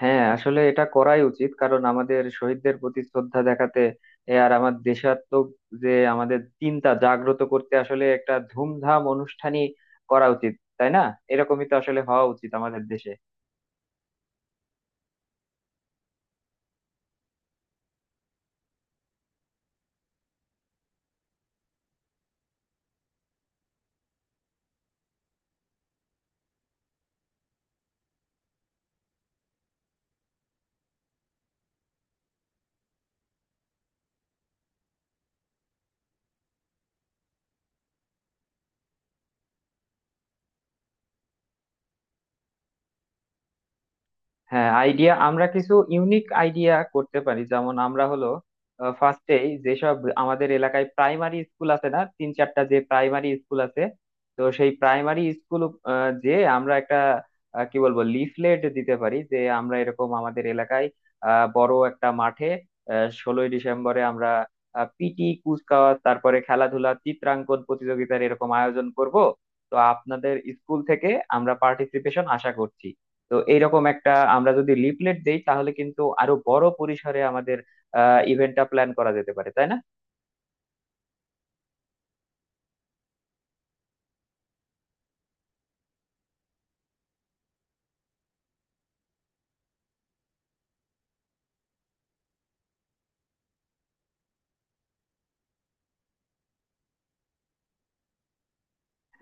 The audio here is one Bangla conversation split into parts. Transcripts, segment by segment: হ্যাঁ, আসলে এটা করাই উচিত কারণ আমাদের শহীদদের প্রতি শ্রদ্ধা দেখাতে এ আর আমার দেশাত্মক যে আমাদের চিন্তা জাগ্রত করতে আসলে একটা ধুমধাম অনুষ্ঠানই করা উচিত, তাই না? এরকমই তো আসলে হওয়া উচিত আমাদের দেশে। হ্যাঁ, আইডিয়া আমরা কিছু ইউনিক আইডিয়া করতে পারি, যেমন আমরা হলো ফার্স্টেই যেসব আমাদের এলাকায় প্রাইমারি স্কুল আছে না, তিন চারটা যে প্রাইমারি স্কুল আছে, তো সেই প্রাইমারি স্কুল যে আমরা একটা কি বলবো লিফলেট দিতে পারি যে আমরা এরকম আমাদের এলাকায় বড় একটা মাঠে 16ই ডিসেম্বরে আমরা পিটি কুচকাওয়াজ, তারপরে খেলাধুলা, চিত্রাঙ্কন প্রতিযোগিতার এরকম আয়োজন করব। তো আপনাদের স্কুল থেকে আমরা পার্টিসিপেশন আশা করছি। তো এইরকম একটা আমরা যদি লিফলেট দেই তাহলে কিন্তু আরো বড় পরিসরে আমাদের ইভেন্টটা প্ল্যান করা যেতে পারে, তাই না?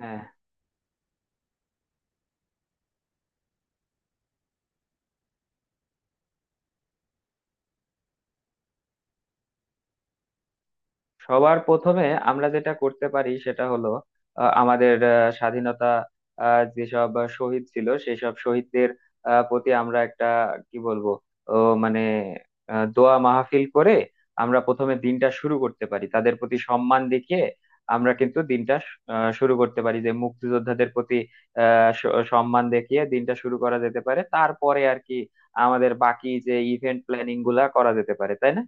হ্যাঁ, সবার প্রথমে আমরা যেটা করতে পারি সেটা হলো আমাদের স্বাধীনতা যেসব শহীদ ছিল সেই সব শহীদদের প্রতি আমরা একটা কি বলবো ও মানে দোয়া মাহফিল করে আমরা প্রথমে দিনটা শুরু করতে পারি তাদের প্রতি সম্মান দেখিয়ে। আমরা কিন্তু দিনটা শুরু করতে পারি যে মুক্তিযোদ্ধাদের প্রতি সম্মান দেখিয়ে দিনটা শুরু করা যেতে পারে। তারপরে আর কি আমাদের বাকি যে ইভেন্ট প্ল্যানিং গুলা করা যেতে পারে, তাই না?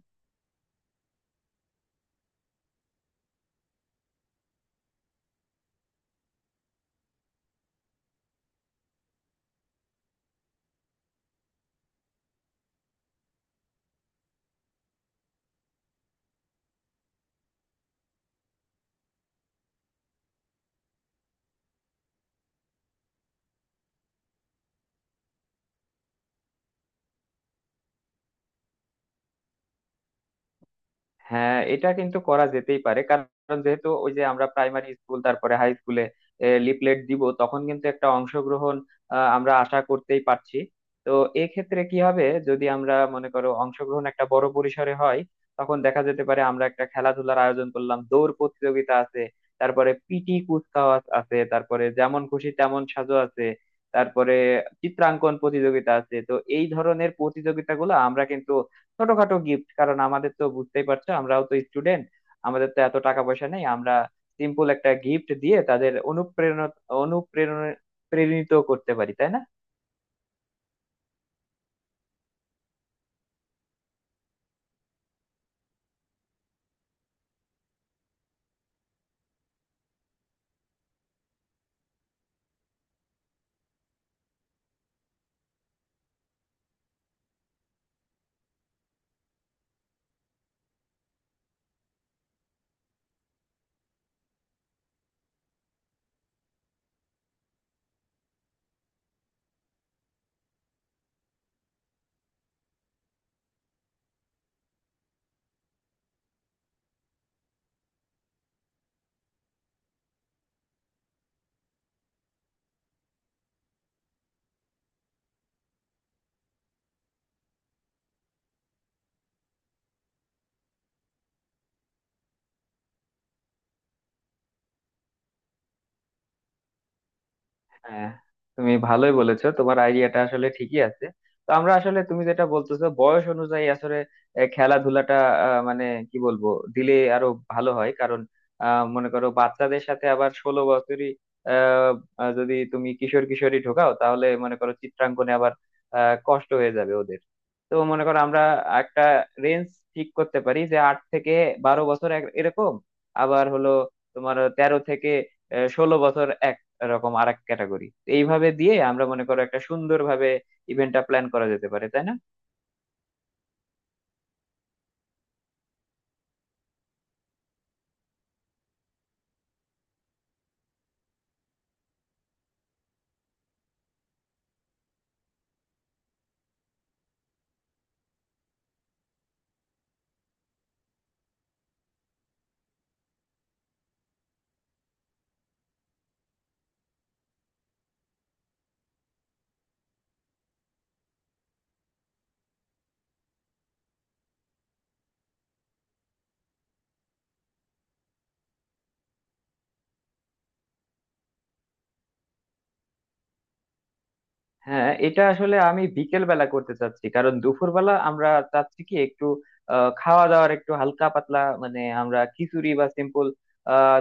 হ্যাঁ, এটা কিন্তু করা যেতেই পারে কারণ যেহেতু ওই যে আমরা প্রাইমারি স্কুল তারপরে হাই স্কুলে লিফলেট দিব তখন কিন্তু একটা অংশগ্রহণ আমরা আশা করতেই পারছি। তো এক্ষেত্রে কি হবে, যদি আমরা মনে করো অংশগ্রহণ একটা বড় পরিসরে হয়, তখন দেখা যেতে পারে আমরা একটা খেলাধুলার আয়োজন করলাম, দৌড় প্রতিযোগিতা আছে, তারপরে পিটি কুচকাওয়াজ আছে, তারপরে যেমন খুশি তেমন সাজো আছে, তারপরে চিত্রাঙ্কন প্রতিযোগিতা আছে। তো এই ধরনের প্রতিযোগিতাগুলো আমরা কিন্তু ছোটখাটো গিফট, কারণ আমাদের তো বুঝতেই পারছো আমরাও তো স্টুডেন্ট, আমাদের তো এত টাকা পয়সা নেই, আমরা সিম্পল একটা গিফট দিয়ে তাদের অনুপ্রেরণা অনুপ্রেরণা প্রেরিত করতে পারি, তাই না? হ্যাঁ, তুমি ভালোই বলেছো, তোমার আইডিয়াটা আসলে ঠিকই আছে। তো আমরা আসলে তুমি যেটা বলতেছো বয়স অনুযায়ী আসলে খেলাধুলাটা মানে কি বলবো দিলে আরো ভালো হয় কারণ মনে করো বাচ্চাদের সাথে আবার 16 বছরই আহ, আহ, যদি তুমি কিশোর কিশোরী ঢোকাও তাহলে মনে করো চিত্রাঙ্কনে আবার কষ্ট হয়ে যাবে ওদের। তো মনে করো আমরা একটা রেঞ্জ ঠিক করতে পারি যে 8 থেকে 12 বছর এরকম, আবার হলো তোমার 13 থেকে 16 বছর এক, এরকম আরেক ক্যাটাগরি। এইভাবে দিয়ে আমরা মনে করো একটা সুন্দরভাবে ইভেন্টটা প্ল্যান করা যেতে পারে, তাই না? হ্যাঁ, এটা আসলে আমি বিকেল বেলা করতে চাচ্ছি কারণ দুপুরবেলা আমরা চাচ্ছি কি একটু খাওয়া দাওয়ার একটু হালকা পাতলা, মানে আমরা খিচুড়ি বা সিম্পল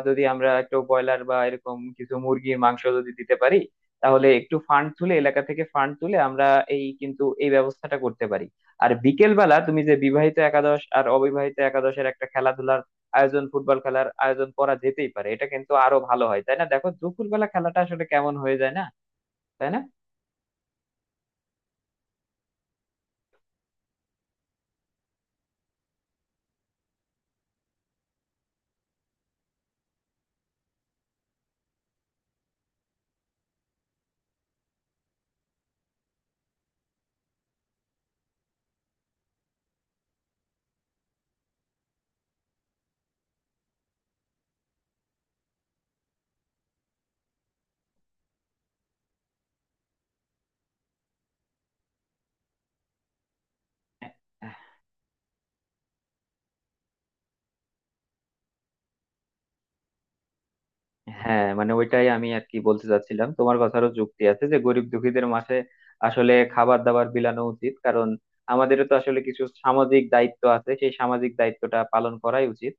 যদি আমরা একটু ব্রয়লার বা এরকম কিছু মুরগির মাংস যদি দিতে পারি, তাহলে একটু ফান্ড তুলে এলাকা থেকে ফান্ড তুলে আমরা এই কিন্তু এই ব্যবস্থাটা করতে পারি। আর বিকেল বেলা তুমি যে বিবাহিত একাদশ আর অবিবাহিত একাদশের একটা খেলাধুলার আয়োজন, ফুটবল খেলার আয়োজন করা যেতেই পারে, এটা কিন্তু আরো ভালো হয়, তাই না? দেখো দুপুরবেলা খেলাটা আসলে কেমন হয়ে যায় না, তাই না? হ্যাঁ, মানে ওইটাই আমি আর কি বলতে চাচ্ছিলাম, তোমার কথারও যুক্তি আছে যে গরিব দুঃখীদের মাঝে আসলে খাবার দাবার বিলানো উচিত, কারণ আমাদেরও তো আসলে কিছু সামাজিক দায়িত্ব আছে, সেই সামাজিক দায়িত্বটা পালন করাই উচিত।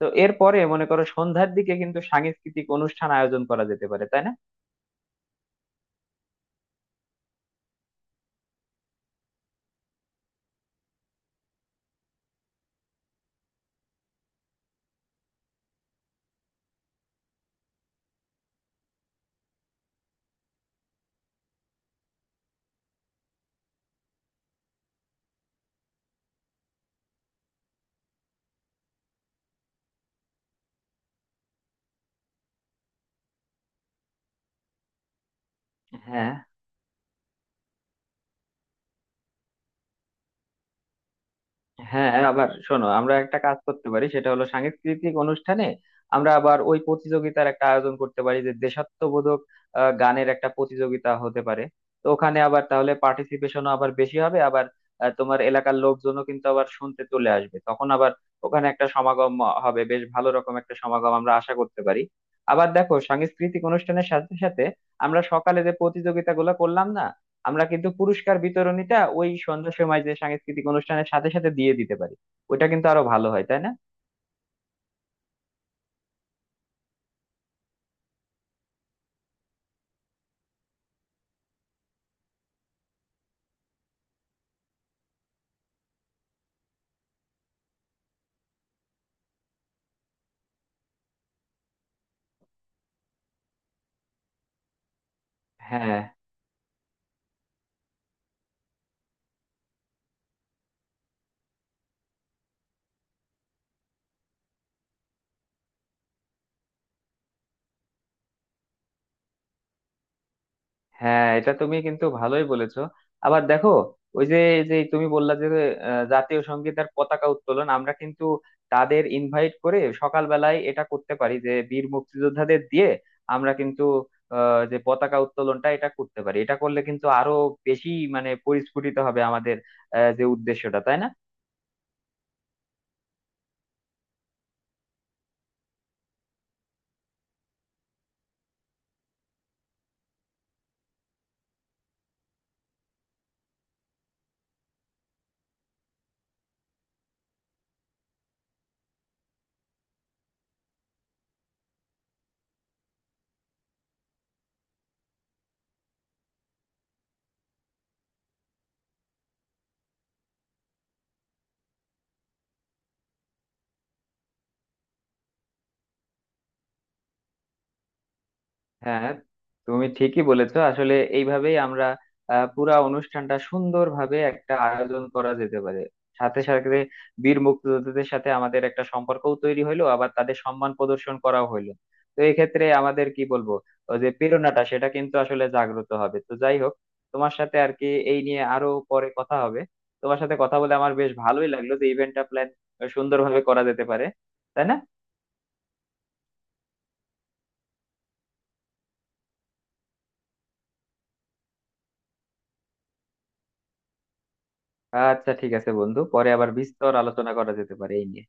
তো এরপরে মনে করো সন্ধ্যার দিকে কিন্তু সাংস্কৃতিক অনুষ্ঠান আয়োজন করা যেতে পারে, তাই না? হ্যাঁ, হ্যাঁ, হ্যাঁ, আবার শোনো আমরা একটা কাজ করতে পারি, সেটা হলো সাংস্কৃতিক অনুষ্ঠানে আমরা আবার ওই প্রতিযোগিতার একটা আয়োজন করতে পারি, যে দেশাত্মবোধক গানের একটা প্রতিযোগিতা হতে পারে। তো ওখানে আবার তাহলে পার্টিসিপেশনও আবার বেশি হবে, আবার তোমার এলাকার লোকজনও কিন্তু আবার শুনতে চলে আসবে, তখন আবার ওখানে একটা সমাগম হবে, বেশ ভালো রকম একটা সমাগম আমরা আশা করতে পারি। আবার দেখো সাংস্কৃতিক অনুষ্ঠানের সাথে সাথে আমরা সকালে যে প্রতিযোগিতাগুলো করলাম না, আমরা কিন্তু পুরস্কার বিতরণীটা ওই সন্ধ্যার সময় যে সাংস্কৃতিক অনুষ্ঠানের সাথে সাথে দিয়ে দিতে পারি। ওটা কিন্তু আরো ভালো হয়, তাই না? হ্যাঁ, হ্যাঁ, এটা তুমি কিন্তু ভালোই বলেছো। আবার দেখো ওই যে যে তুমি বললা যে জাতীয় সঙ্গীত আর পতাকা উত্তোলন আমরা কিন্তু তাদের ইনভাইট করে সকালবেলায় এটা করতে পারি, যে বীর মুক্তিযোদ্ধাদের দিয়ে আমরা কিন্তু যে পতাকা উত্তোলনটা এটা করতে পারি, এটা করলে কিন্তু আরো বেশি মানে পরিস্ফুটিত হবে আমাদের যে উদ্দেশ্যটা, তাই না? হ্যাঁ, তুমি ঠিকই বলেছো, আসলে এইভাবেই আমরা পুরা অনুষ্ঠানটা সুন্দরভাবে একটা আয়োজন করা যেতে পারে। সাথে সাথে বীর মুক্তিযোদ্ধাদের সাথে আমাদের একটা সম্পর্কও তৈরি হইলো, আবার তাদের সম্মান প্রদর্শন করাও হইলো। তো এই ক্ষেত্রে আমাদের কি বলবো ওই যে প্রেরণাটা সেটা কিন্তু আসলে জাগ্রত হবে। তো যাই হোক, তোমার সাথে আর কি এই নিয়ে আরো পরে কথা হবে। তোমার সাথে কথা বলে আমার বেশ ভালোই লাগলো যে ইভেন্টটা প্ল্যান সুন্দরভাবে করা যেতে পারে, তাই না? আচ্ছা, ঠিক আছে বন্ধু, পরে আবার বিস্তর আলোচনা করা যেতে পারে এই নিয়ে।